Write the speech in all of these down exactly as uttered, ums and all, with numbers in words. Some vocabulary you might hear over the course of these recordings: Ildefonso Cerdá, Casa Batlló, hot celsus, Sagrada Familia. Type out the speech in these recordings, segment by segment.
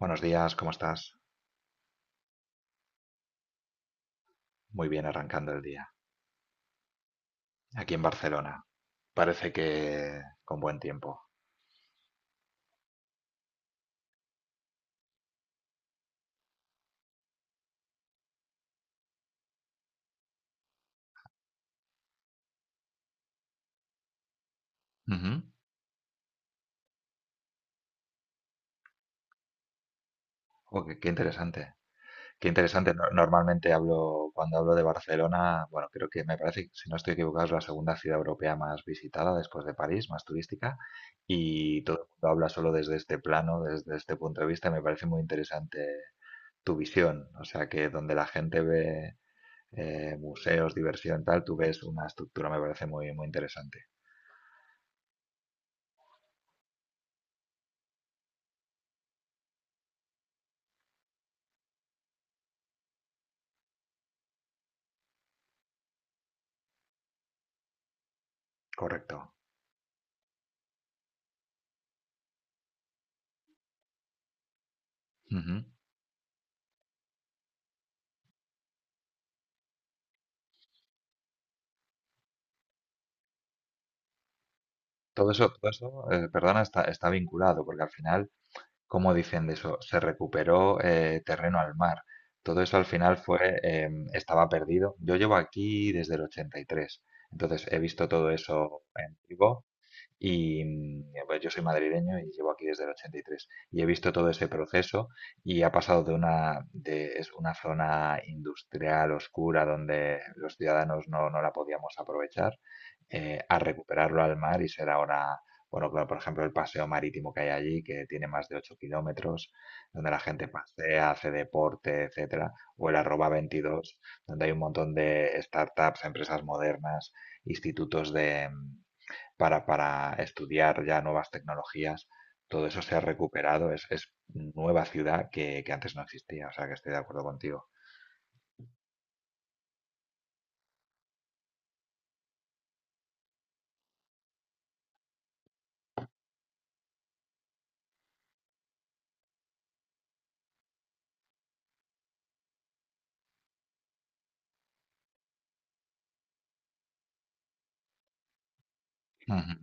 Buenos días, ¿cómo estás? Muy bien arrancando el día. Aquí en Barcelona. Parece que con buen tiempo. Ujú. Oh, qué, qué interesante. Qué interesante. No- normalmente hablo, cuando hablo de Barcelona, bueno, creo que me parece que, si no estoy equivocado, es la segunda ciudad europea más visitada después de París, más turística. Y todo el mundo habla solo desde este plano, desde este punto de vista. y Me parece muy interesante tu visión. O sea, que donde la gente ve eh, museos, diversión, tal, tú ves una estructura, me parece muy, muy interesante. Correcto. Ujú. Todo eso, todo eso, eh, perdona, está, está vinculado, porque al final, ¿como dicen de eso? Se recuperó eh, terreno al mar. Todo eso al final fue, em, estaba perdido. Yo llevo aquí desde el ochenta y tres, entonces he visto todo eso en vivo. Y mm, pues yo soy madrileño y llevo aquí desde el ochenta y tres y he visto todo ese proceso, y ha pasado de una, de, es una zona industrial oscura donde los ciudadanos no, no la podíamos aprovechar, eh, a recuperarlo al mar y ser ahora, bueno, claro, por ejemplo, el paseo marítimo que hay allí, que tiene más de ocho kilómetros, donde la gente pasea, hace deporte, etcétera, o el arroba veintidós, donde hay un montón de startups, empresas modernas, institutos de, mm, para, para estudiar ya nuevas tecnologías. Todo eso se ha recuperado, es, es nueva ciudad que, que antes no existía, o sea que estoy de acuerdo contigo. Ujú,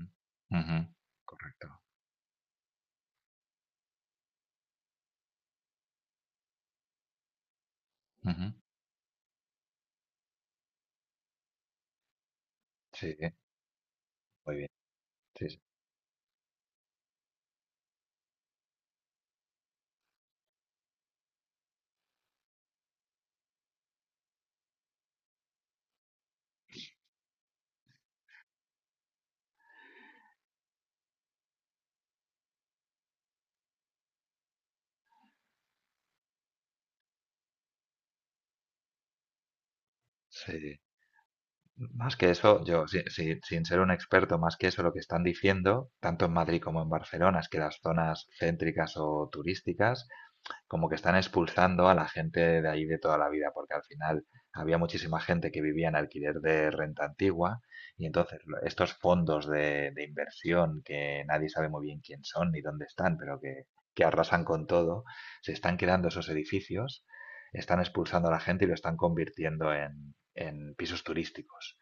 ujú. Correcto. Ujú. Sí, muy bien. Sí, sí. Sí. Más que eso, yo, si- si- sin ser un experto, más que eso, lo que están diciendo, tanto en Madrid como en Barcelona, es que las zonas céntricas o turísticas como que están expulsando a la gente de ahí de toda la vida, porque al final había muchísima gente que vivía en alquiler de renta antigua, y entonces lo- estos fondos de, de inversión, que nadie sabe muy bien quién son ni dónde están, pero que, que arrasan con todo, se están quedando esos edificios, están expulsando a la gente y lo están convirtiendo en, en pisos turísticos.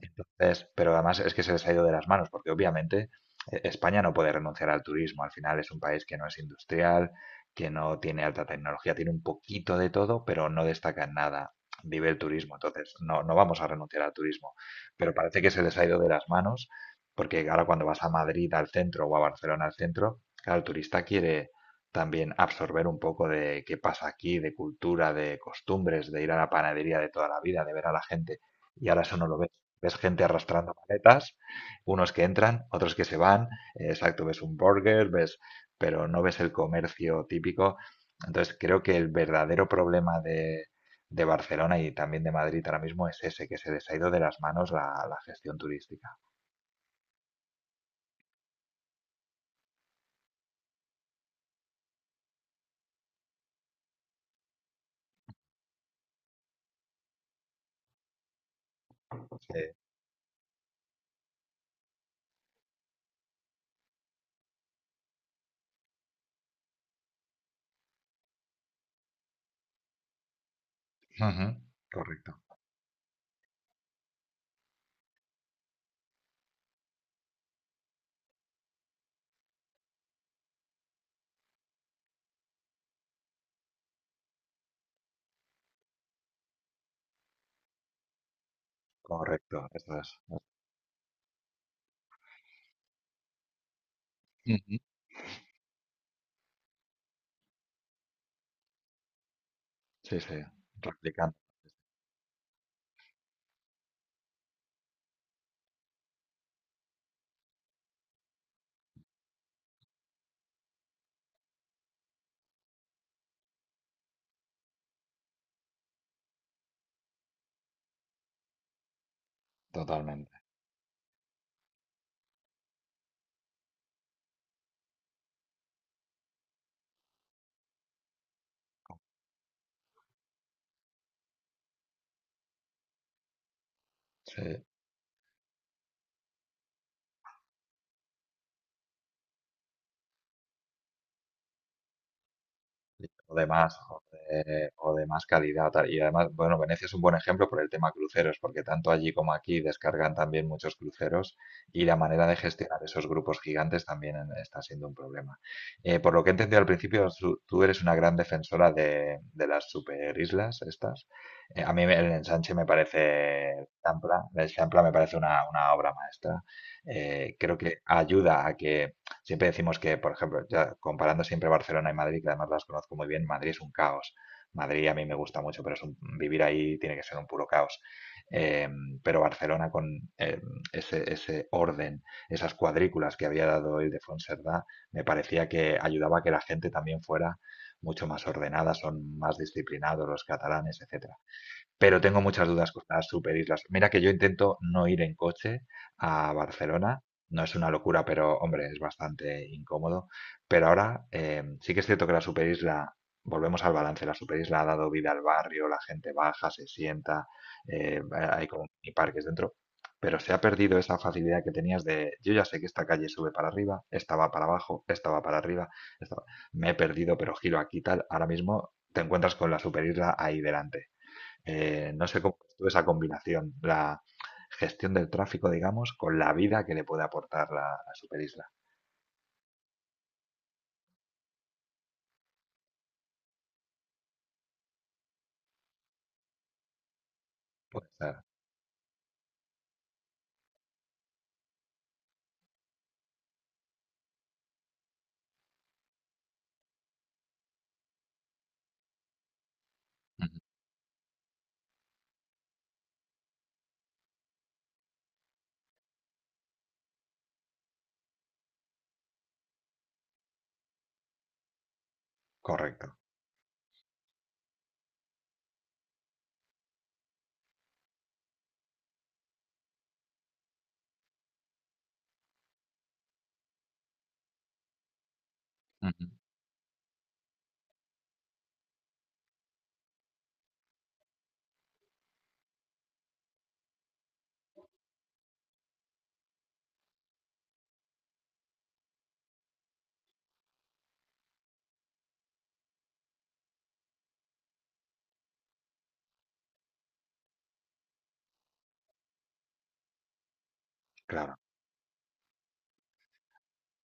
Entonces, pero además es que se les ha ido de las manos, porque obviamente eh, España no puede renunciar al turismo. Al final es un país que no es industrial, que no tiene alta tecnología, tiene un poquito de todo, pero no destaca en nada. Vive el turismo, entonces no, no vamos a renunciar al turismo. Pero parece que se les ha ido de las manos, porque ahora cuando vas a Madrid al centro o a Barcelona al centro, claro, el turista quiere también absorber un poco de qué pasa aquí, de cultura, de costumbres, de ir a la panadería de toda la vida, de ver a la gente. Y ahora eso no lo ve. Ves gente arrastrando maletas, unos que entran, otros que se van, eh, exacto, ves un burger, ves, pero no ves el comercio típico. Entonces creo que el verdadero problema de, de Barcelona y también de Madrid ahora mismo es ese, que se les ha ido de las manos la, la gestión turística. Sí. Ujú. Correcto, correcto, eso es. Ujú. Sí, sí, replicando totalmente. Sí. O de más, o de, o de más calidad. Tal. Y además, bueno, Venecia es un buen ejemplo por el tema cruceros, porque tanto allí como aquí descargan también muchos cruceros, y la manera de gestionar esos grupos gigantes también en- está siendo un problema. Eh, por lo que he entendido al principio, su- tú eres una gran defensora de, de las superislas estas. Eh, a mí me- el ensanche me parece, Champla, el Champla me parece una, una obra maestra. Eh, creo que ayuda a que. Siempre decimos que, por ejemplo, ya comparando siempre Barcelona y Madrid, que además las conozco muy bien, Madrid es un caos. Madrid a mí me gusta mucho, pero es un- vivir ahí tiene que ser un puro caos. Eh, pero Barcelona con eh, ese, ese orden, esas cuadrículas que había dado Ildefonso Cerdá, me parecía que ayudaba a que la gente también fuera mucho más ordenada, son más disciplinados los catalanes, etcétera. Pero tengo muchas dudas con las superislas. Mira que yo intento no ir en coche a Barcelona. No es una locura, pero hombre, es bastante incómodo. Pero ahora eh, sí que es cierto que la superisla, volvemos al balance, la superisla ha dado vida al barrio, la gente baja, se sienta, eh, hay como mini parques dentro. Pero se ha perdido esa facilidad que tenías de, yo ya sé que esta calle sube para arriba, esta va para abajo, esta va para arriba, esta va- me he perdido, pero giro aquí tal. Ahora mismo te encuentras con la superisla ahí delante. Eh, no sé cómo ves tú esa combinación, la gestión del tráfico, digamos, con la vida que le puede aportar la, la superisla. Puede ser. Ujú. Correcto. Ujú. Claro.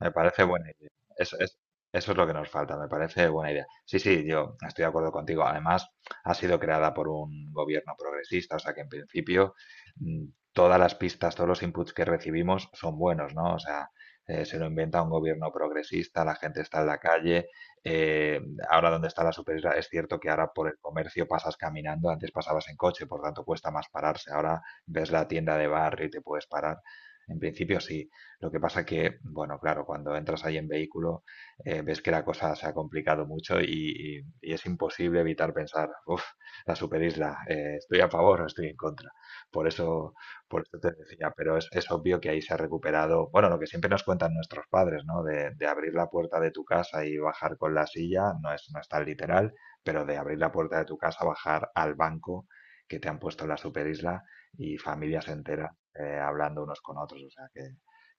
Me parece buena idea. Eso es, eso es lo que nos falta, me parece buena idea. Sí, sí, yo estoy de acuerdo contigo. Además, ha sido creada por un gobierno progresista, o sea que en principio mm, todas las pistas, todos los inputs que recibimos son buenos, ¿no? O sea, eh, se lo inventa un gobierno progresista, la gente está en la calle. eh, Ahora donde está la superioridad, es cierto que ahora por el comercio pasas caminando, antes pasabas en coche, por tanto cuesta más pararse. Ahora ves la tienda de barrio y te puedes parar. En principio sí. Lo que pasa que, bueno, claro, cuando entras ahí en vehículo, eh, ves que la cosa se ha complicado mucho, y, y- y es imposible evitar pensar, uff, la superisla, eh, estoy a favor o estoy en contra. Por eso, por eso te decía, pero es, es obvio que ahí se ha recuperado, bueno, lo que siempre nos cuentan nuestros padres, ¿no? De, de abrir la puerta de tu casa y bajar con la silla, no es, no es tan literal, pero de abrir la puerta de tu casa, bajar al banco que te han puesto en la superisla, y familias enteras eh, hablando unos con otros. O sea que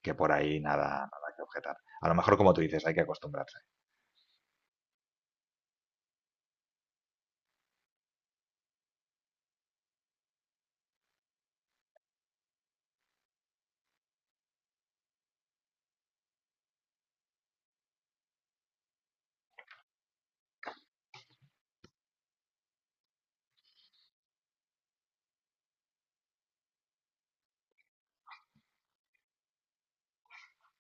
que por ahí nada, nada que objetar. A lo mejor, como tú dices, hay que acostumbrarse.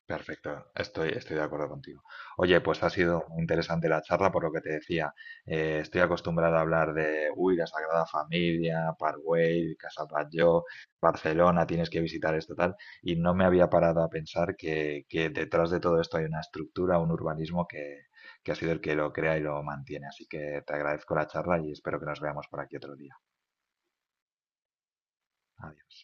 Perfecto, estoy, estoy de acuerdo contigo. Oye, pues ha sido muy interesante la charla, por lo que te decía. Eh, estoy acostumbrado a hablar de, uy, la Sagrada Familia, Parkway, Casa Batlló, Barcelona, tienes que visitar esto, tal. Y no me había parado a pensar que, que detrás de todo esto hay una estructura, un urbanismo que, que ha sido el que lo crea y lo mantiene. Así que te agradezco la charla y espero que nos veamos por aquí otro día. Adiós.